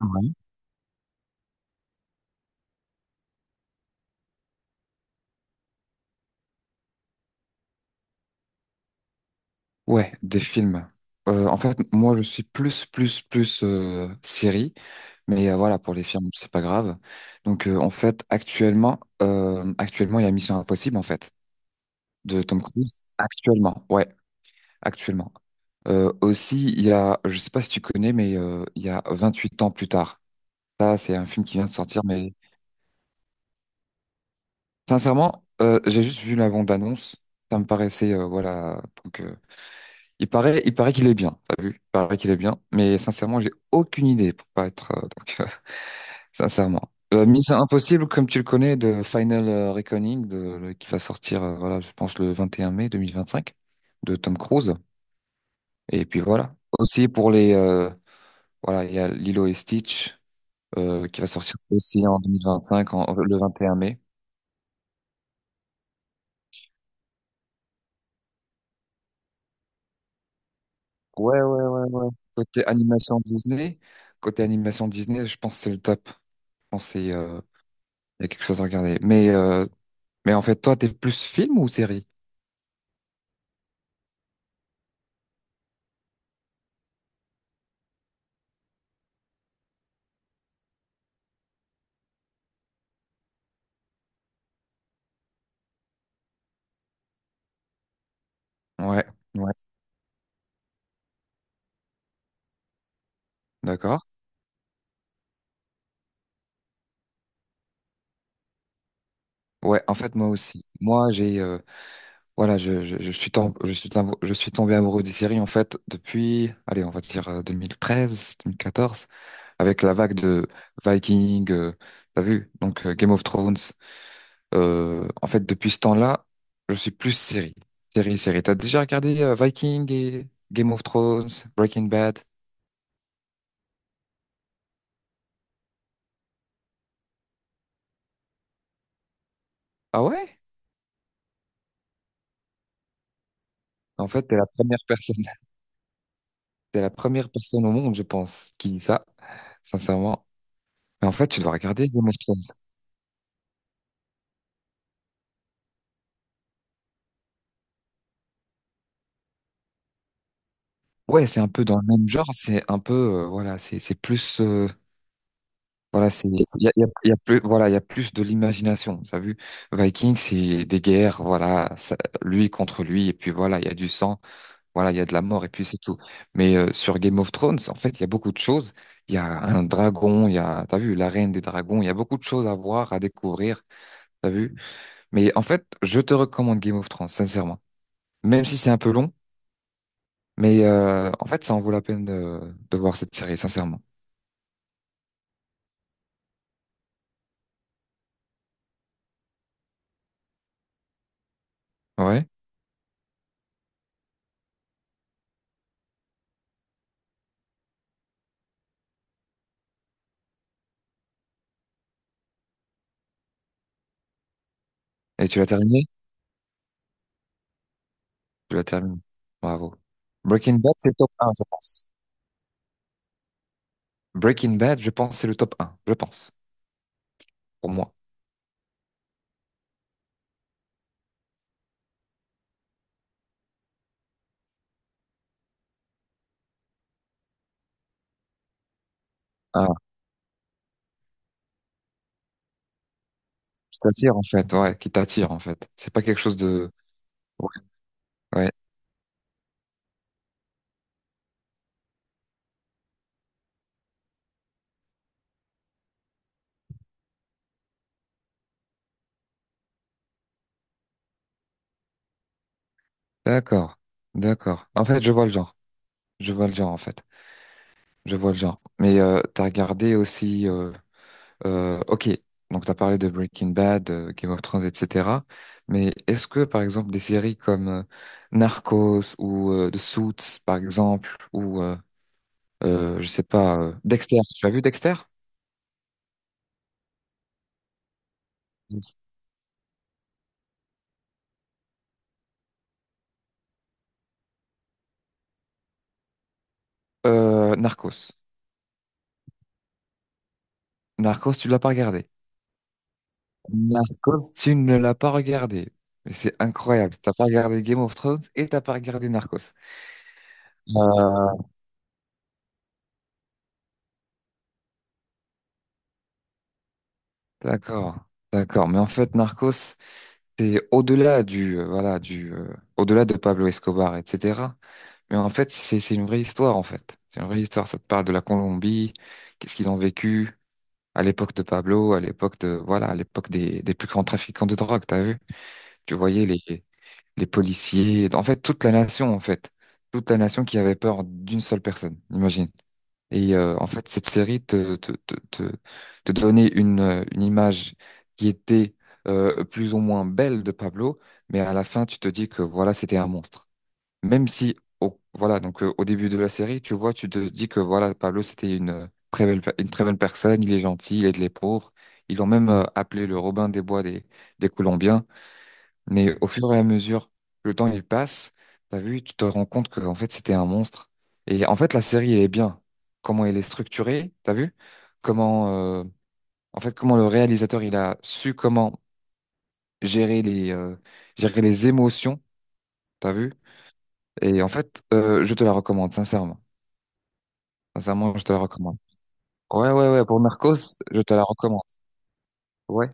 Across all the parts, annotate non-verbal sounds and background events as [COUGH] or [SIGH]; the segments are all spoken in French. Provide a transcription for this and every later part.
Ouais. Ouais, des films. En fait, moi, je suis plus série, mais voilà, pour les films, c'est pas grave. Donc, en fait, actuellement, il y a Mission Impossible, en fait, de Tom Cruise. Actuellement, ouais, actuellement. Aussi, je sais pas si tu connais, mais il y a 28 ans plus tard. Ça, c'est un film qui vient de sortir, mais sincèrement, j'ai juste vu la bande-annonce. Ça me paraissait, voilà, donc. Il paraît qu'il est bien, t'as vu? Il paraît qu'il est bien, mais sincèrement, j'ai aucune idée pour pas être, donc, [LAUGHS] sincèrement. Mission Impossible, comme tu le connais, de Final Reckoning, qui va sortir, voilà, je pense le 21 mai 2025 de Tom Cruise. Et puis voilà. Aussi pour les, voilà, il y a Lilo et Stitch, qui va sortir aussi en 2025, le 21 mai. Ouais, ouais, ouais, ouais. Côté animation Disney, côté animation Disney, je pense que c'est le top. Je pense que il y a quelque chose à regarder. Mais en fait, toi, t'es plus film ou série? Ouais, ouais, d'accord. Ouais, en fait, moi aussi. Voilà, je suis tombé amoureux des séries, en fait, depuis, allez, on va dire 2013, 2014, avec la vague de Viking, t'as vu? Donc, Game of Thrones. En fait, depuis ce temps-là, je suis plus série. Série, série. T'as déjà regardé Viking et Game of Thrones, Breaking Bad? Ah ouais? En fait, t'es la première personne, [LAUGHS] t'es la première personne au monde, je pense, qui dit ça. Sincèrement. Mais en fait, tu dois regarder Game of Thrones. Ouais, c'est un peu dans le même genre, voilà, c'est plus, voilà, c'est, il y a, il y a- il y a plus, voilà, il y a plus de l'imagination. T'as vu? Vikings, c'est des guerres, voilà, lui contre lui, et puis voilà, il y a du sang, voilà, il y a de la mort, et puis c'est tout. Mais sur Game of Thrones, en fait, il y a beaucoup de choses. Il y a un dragon, il y a, t'as vu, la reine des dragons, il y a beaucoup de choses à voir, à découvrir, t'as vu? Mais en fait, je te recommande Game of Thrones, sincèrement. Même si c'est un peu long. Mais en fait, ça en vaut la peine de voir cette série, sincèrement. Ouais. Et tu l'as terminé? Tu l'as terminé. Bravo. Breaking Bad, c'est le top un, je pense. Breaking Bad, je pense, c'est le top un, je pense, pour moi. Ah, qui t'attire, en fait, ouais, qui t'attire, en fait. C'est pas quelque chose de. Ouais, ouais. D'accord, d'accord. En fait, je vois le genre. Je vois le genre, en fait. Je vois le genre. Mais t'as regardé aussi. Ok, donc tu as parlé de Breaking Bad, Game of Thrones, etc. Mais est-ce que, par exemple, des séries comme Narcos ou The Suits, par exemple, ou, je sais pas, Dexter, tu as vu Dexter? Yes. Narcos. Narcos, tu l'as pas regardé. Narcos, tu ne l'as pas regardé. Mais c'est incroyable. T'as pas regardé Game of Thrones et t'as pas regardé Narcos. Euh, d'accord, d'accord. Mais en fait, Narcos, c'est au-delà voilà, au-delà de Pablo Escobar, etc. Mais en fait, c'est une vraie histoire, en fait. C'est une vraie histoire. Ça te parle de la Colombie, qu'est-ce qu'ils ont vécu à l'époque de Pablo, voilà, à l'époque des plus grands trafiquants de drogue, t'as vu? Tu voyais les policiers, en fait, toute la nation, en fait. Toute la nation qui avait peur d'une seule personne, imagine. Et en fait, cette série te, te donnait une image qui était plus ou moins belle de Pablo, mais à la fin, tu te dis que voilà, c'était un monstre. Même si, voilà, donc au début de la série, tu vois, tu te dis que voilà, Pablo, c'était une très belle personne, il est gentil, il aide les pauvres. Ils l'ont même appelé le Robin des Bois des Colombiens. Mais au fur et à mesure que le temps il passe, t'as vu, tu te rends compte que en fait c'était un monstre. Et en fait la série elle est bien. Comment elle est structurée, t'as vu? Comment En fait comment le réalisateur il a su comment gérer les euh, gérer les émotions, t'as vu? Et en fait je te la recommande sincèrement. Sincèrement je te la recommande. Ouais, ouais, ouais, pour Narcos je te la recommande. Ouais,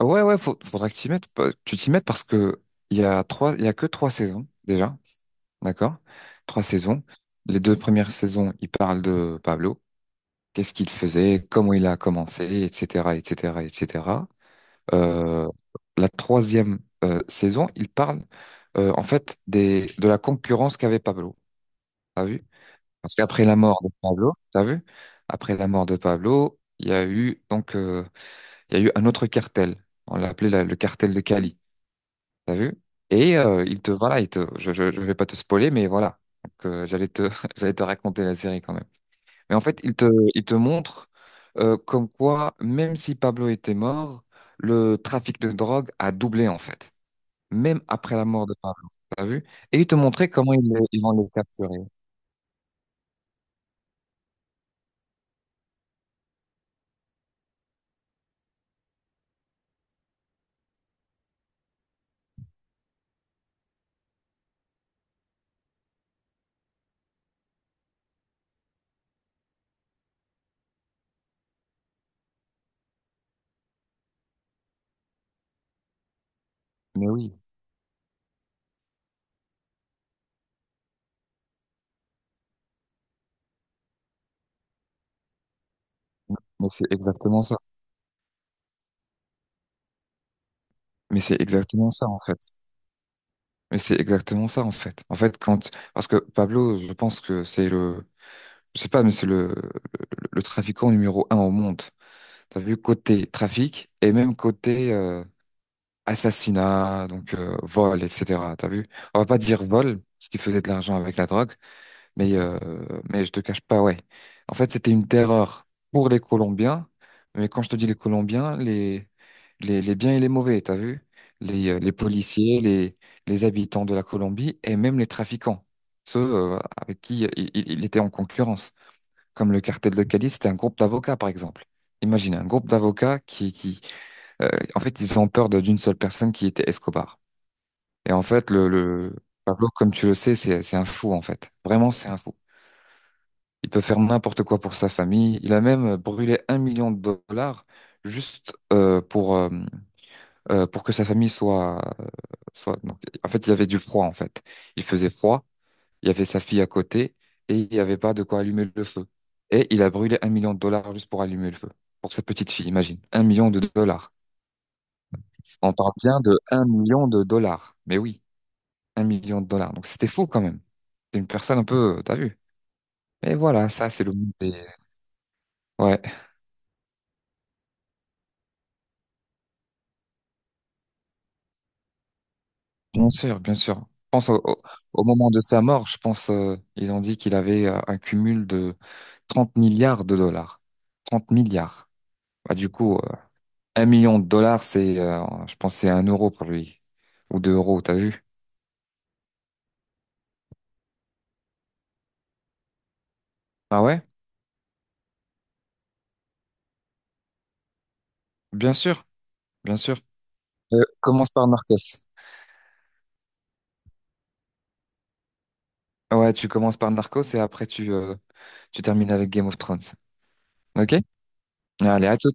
ouais, ouais, faudra que tu t'y mettes. Tu t'y mettes parce que il y a que trois saisons déjà. D'accord? Trois saisons. Les deux premières saisons, il parle de Pablo. Qu'est-ce qu'il faisait, comment il a commencé, etc., etc., etc. Euh, la troisième saison, il parle en fait de la concurrence qu'avait Pablo. T'as vu? Parce qu'après la mort de Pablo, t'as vu? Après la mort de Pablo, il y a eu donc il y a eu un autre cartel. On l'appelait le cartel de Cali. T'as vu? Et il te voilà, il te, je vais pas te spoiler, mais voilà. Donc, j'allais te, [LAUGHS] j'allais te raconter la série quand même. Mais en fait, il te montre comme quoi, même si Pablo était mort, le trafic de drogue a doublé en fait, même après la mort de Pablo. T'as vu? Et il te montrait comment ils vont les capturer. Mais oui, mais c'est exactement ça. Mais c'est exactement ça en fait. Mais c'est exactement ça en fait. En fait, quand parce que Pablo, je pense que c'est le je sais pas, mais c'est le trafiquant numéro 1 au monde. T'as vu côté trafic et même côté assassinat, donc vol, etc. T'as vu? On va pas dire vol, parce qu'il faisait de l'argent avec la drogue, mais euh, mais je te cache pas, ouais. En fait, c'était une terreur pour les Colombiens, mais quand je te dis les Colombiens, les biens et les mauvais, t'as vu? Les policiers, les habitants de la Colombie et même les trafiquants, ceux avec qui il était en concurrence comme le cartel de Cali, c'était un groupe d'avocats, par exemple. Imagine un groupe d'avocats euh, en fait, ils ont peur d'une seule personne qui était Escobar. Et en fait, le Pablo, comme tu le sais, c'est un fou, en fait. Vraiment, c'est un fou. Il peut faire n'importe quoi pour sa famille. Il a même brûlé 1 million de dollars juste pour que sa famille soit, soit. Donc, en fait, il y avait du froid, en fait. Il faisait froid. Il y avait sa fille à côté et il n'y avait pas de quoi allumer le feu. Et il a brûlé 1 million de dollars juste pour allumer le feu. Pour sa petite fille, imagine. 1 million de dollars. On parle bien de 1 million de dollars. Mais oui, 1 million de dollars. Donc c'était fou quand même. C'est une personne un peu, t'as vu. Et voilà, ça c'est le monde des. Ouais, bien sûr, bien sûr. Je pense au moment de sa mort, je pense, ils ont dit qu'il avait un cumul de 30 milliards de dollars. 30 milliards. Bah, du coup. 1 million de dollars, c'est, je pense, que c'est 1 euro pour lui. Ou 2 euros, t'as vu? Ah ouais? Bien sûr, bien sûr. Commence par Narcos. Ouais, tu commences par Narcos et après tu termines avec Game of Thrones. Ok? Allez, à tout.